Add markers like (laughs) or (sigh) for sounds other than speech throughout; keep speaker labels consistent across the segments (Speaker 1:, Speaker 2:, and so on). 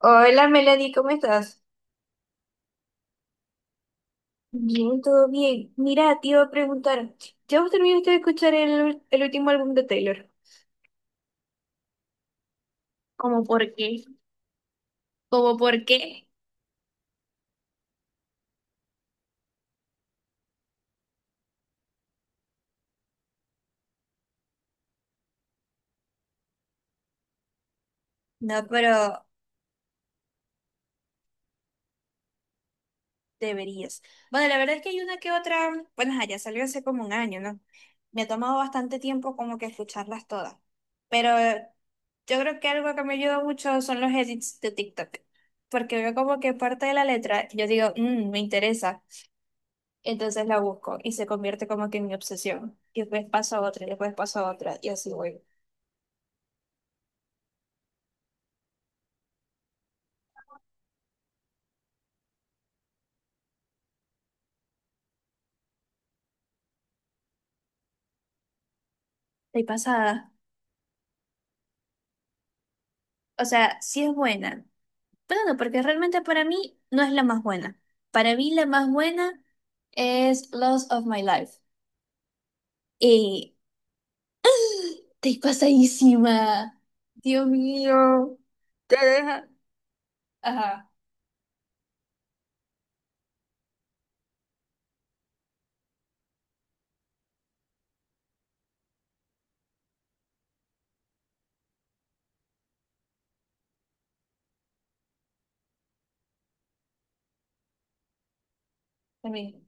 Speaker 1: Hola Melody, ¿cómo estás? Bien, todo bien. Mira, te iba a preguntar, ¿ya vos terminaste de escuchar el último álbum de Taylor? ¿Cómo por qué? ¿Cómo por qué? No, pero deberías. Bueno, la verdad es que hay una que otra, bueno, ajá, ya salió hace como un año, ¿no? Me ha tomado bastante tiempo como que escucharlas todas. Pero yo creo que algo que me ayuda mucho son los edits de TikTok. Porque veo como que parte de la letra, yo digo, "Mm, me interesa. Entonces la busco y se convierte como que en mi obsesión. Y después paso a otra, y después paso a otra, y así voy." Estoy pasada. O sea, sí es buena. Pero no, porque realmente para mí no es la más buena. Para mí la más buena es Lost of My Life. Y estoy pasadísima. Dios mío. Te deja. Ajá, también.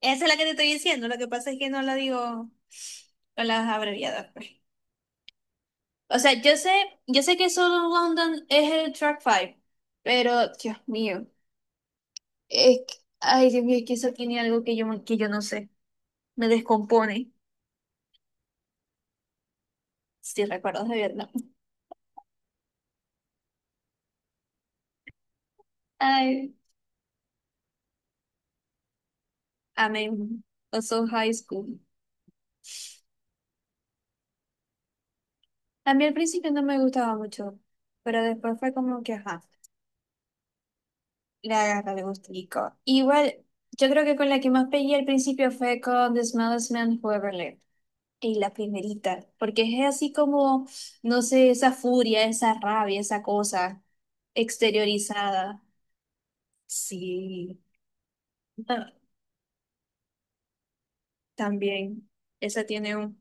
Speaker 1: Esa es la que te estoy diciendo. Lo que pasa es que no la digo con las abreviadas, pues. O sea, yo sé que solo London es el track five, pero Dios mío, es que- ay, Dios mío, es que eso tiene algo que yo no sé, me descompone, si recuerdas de verdad. Ay, amén, also high school. A mí al principio no me gustaba mucho, pero después fue como que, ajá, le agarra el gustico. Igual, yo creo que con la que más pegué al principio fue con The Smallest Man Who Ever Lived. Y la primerita, porque es así como, no sé, esa furia, esa rabia, esa cosa exteriorizada. Sí, ah, también. Esa tiene un...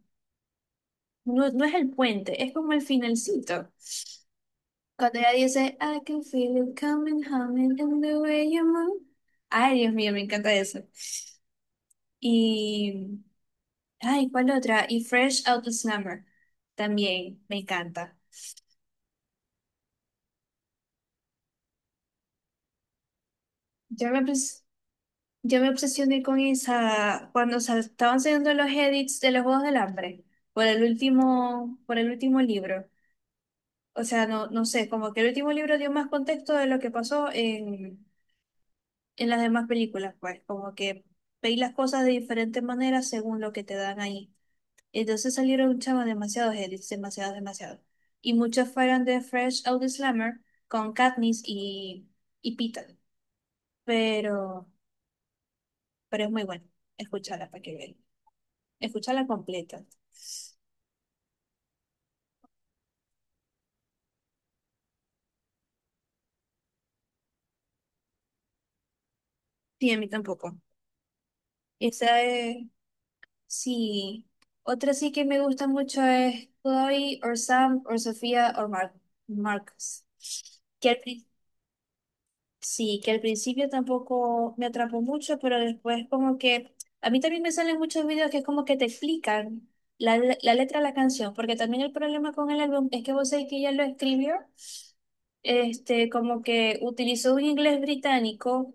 Speaker 1: No, no es el puente, es como el finalcito. Cuando ella dice, "I can feel it coming, humming in the way you move." Ay, Dios mío, me encanta eso. Y, ay, ¿cuál otra? Y Fresh Out the Summer. También, me encanta. Yo me, pens- Yo me obsesioné con esa cuando se estaban saliendo los edits de los Juegos del Hambre por el último libro. O sea, no, no sé, como que el último libro dio más contexto de lo que pasó en las demás películas, pues, como que veis las cosas de diferentes maneras según lo que te dan ahí. Entonces salieron chavos demasiados edits, demasiados, demasiados. Y muchos fueron de Fresh Out the Slammer con Katniss y Peeta. Pero, pero es muy bueno. Escucharla para que vean. Escucharla completa. Sí, a mí tampoco. Esa es, sí. Otra sí que me gusta mucho es Chloe or Sam or Sofía or Marcus. Que al prin- sí, que al principio tampoco me atrapó mucho, pero después como que a mí también me salen muchos videos que es como que te explican la letra de la canción, porque también el problema con el álbum es que vos sabés que ella lo escribió, como que utilizó un inglés británico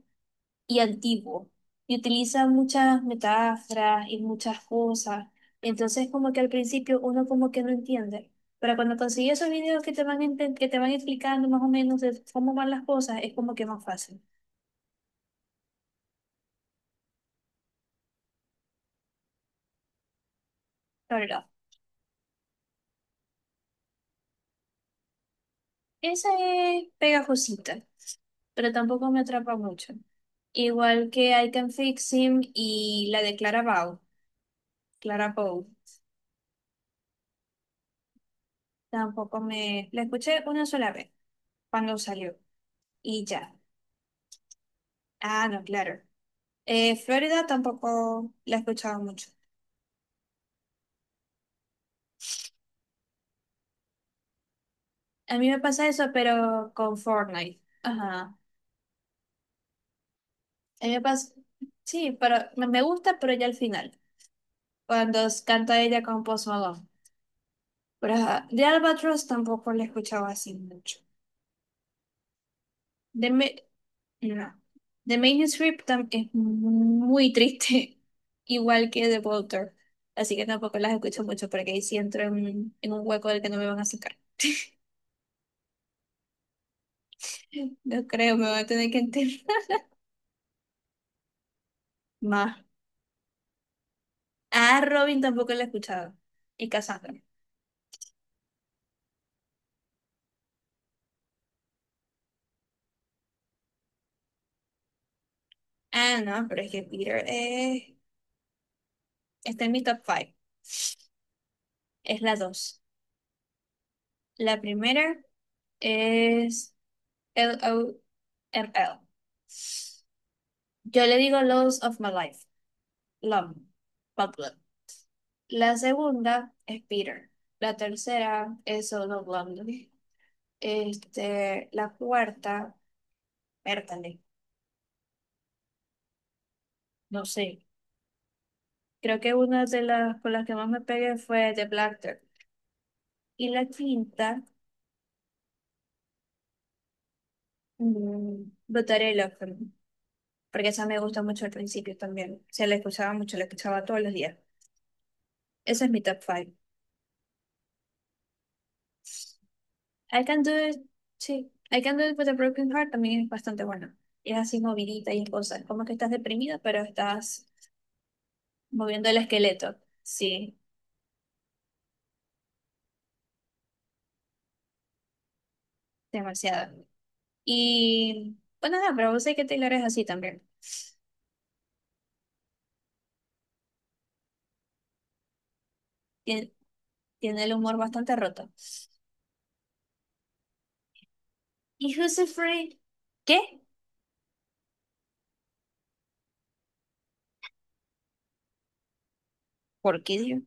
Speaker 1: y antiguo y utiliza muchas metáforas y muchas cosas. Entonces, como que al principio uno como que no entiende, pero cuando consigues esos videos que te van explicando más o menos de cómo van las cosas, es como que más fácil, la verdad. Esa es pegajosita, pero tampoco me atrapa mucho. Igual que I Can Fix Him y la de Clara Bow, tampoco me... la escuché una sola vez cuando salió y ya. Ah, no, claro. Florida tampoco la he escuchado mucho. A mí me pasa eso, pero con Fortnite. Ajá. A mí me pasa. Sí, pero me gusta, pero ya al final. Cuando canta ella con Post Malone. Pero ajá, de Albatross tampoco la he escuchado así mucho. De Me- no. De Main Strip es muy triste, (laughs) igual que de Walter. Así que tampoco las escucho mucho porque ahí sí entro en un hueco del que no me van a sacar. (laughs) No creo, me van a tener que enterrar (laughs) más. Ah, Robin tampoco la he escuchado. Y Cassandra. Ah, no, pero es que Peter está en mi top 5. Es la dos. La primera es LOML. Yo le digo Loves of My Life. Love. Pablo. La segunda es Peter. La tercera es Solo Blondie. Este, la cuarta, Bertale. No sé. Creo que una de las con las que más me pegué fue The Black Dog. Y la quinta. Butterella, Open, porque esa me gustó mucho al principio también. Se la escuchaba mucho, la escuchaba todos los días. Ese es mi top five. I Can Do It, sí. I Can Do It With a Broken Heart también es bastante buena. Y es así movidita y es cosa. Es como que estás deprimida, pero estás moviendo el esqueleto. Sí, demasiado. Y bueno, nada, pero vos sé que Taylor es así también. Tiene, tiene el humor bastante roto. ¿Y Who's Afraid? ¿Qué? ¿Por qué, Dios?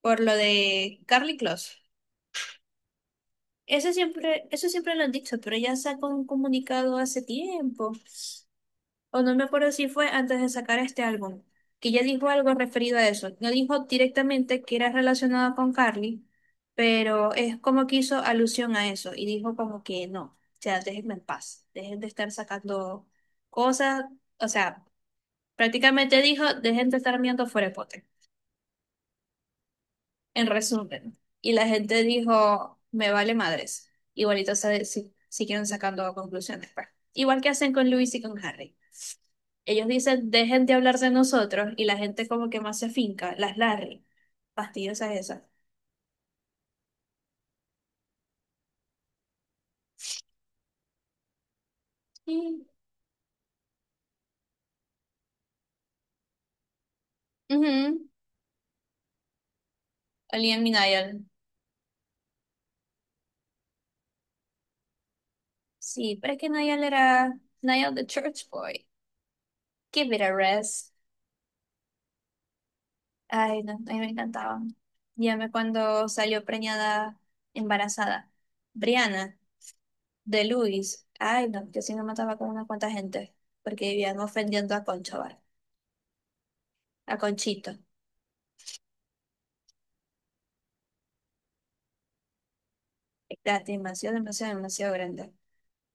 Speaker 1: Por lo de Carly Close. Eso siempre lo han dicho, pero ya sacó un comunicado hace tiempo, o no me acuerdo si fue antes de sacar este álbum, que ya dijo algo referido a eso. No dijo directamente que era relacionado con Carly, pero es como que hizo alusión a eso y dijo como que no, o sea, déjenme en paz, dejen de estar sacando cosas. O sea, prácticamente dijo, dejen de estar mirando fuera de pote, en resumen. Y la gente dijo, me vale madres. Igualito se- si, siguieron sacando conclusiones, pues. Igual que hacen con Luis y con Harry. Ellos dicen, dejen de hablar de nosotros y la gente como que más se finca, las Larry, fastidiosas esas. Mm. Ujú. Liam y Niall. Sí, pero es que Niall era Niall the Church Boy. Give it a rest. Ay, no, a mí me encantaba. Llamé cuando salió preñada, embarazada. Brianna. De Luis. Ay, no, yo sí me mataba con una cuanta gente, porque vivían ofendiendo a Concho, ¿vale? A Conchito. La animación demasiado, demasiado grande.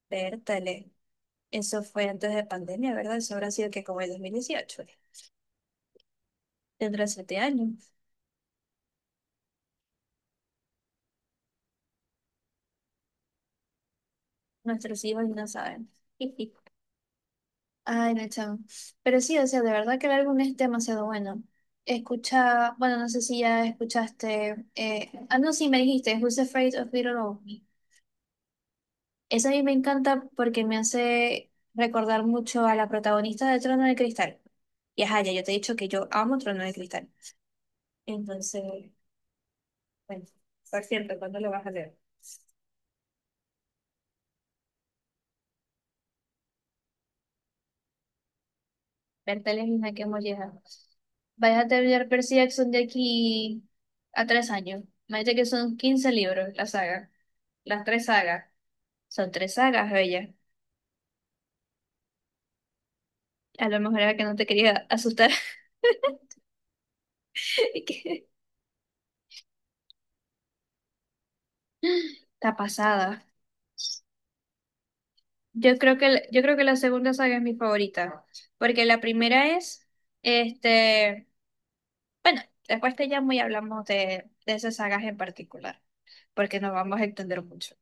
Speaker 1: Vértale. Eso fue antes de pandemia, ¿verdad? Eso habrá sido que como el 2018. Dentro de 7 años. Nuestros hijos no saben. (laughs) Ay, no, chamo. Pero sí, o sea, de verdad que el álbum es demasiado bueno. Escucha, bueno, no sé si ya escuchaste. No, sí, me dijiste, Who's Afraid of Little Old. Esa a mí me encanta porque me hace recordar mucho a la protagonista de Trono de Cristal. Y ajá, ya yo te he dicho que yo amo Trono de Cristal. Entonces, bueno, por cierto, ¿cuándo lo vas a leer? Bertales misma que molleja. Vais a terminar Percy Jackson de aquí a 3 años. Imagínate que son 15 libros la saga. Las tres sagas. Son tres sagas, bella. A lo mejor era que no te quería asustar. (laughs) Y que- Está pasada. Yo creo que la segunda saga es mi favorita, porque la primera es, este, bueno, después te llamo y hablamos de esas sagas en particular, porque nos vamos a entender mucho.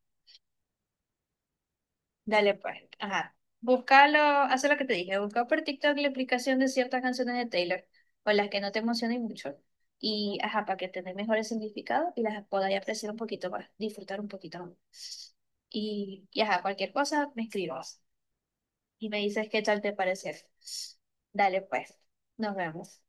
Speaker 1: Dale pues, ajá. Búscalo, haz lo que te dije, busca por TikTok la explicación de ciertas canciones de Taylor, o las que no te emocionen mucho, y ajá, para que tengas mejores significados y las podáis apreciar un poquito más, disfrutar un poquito más. Y ajá, cualquier cosa, me escribas. Y me dices qué tal te pareció. Dale, pues, nos vemos.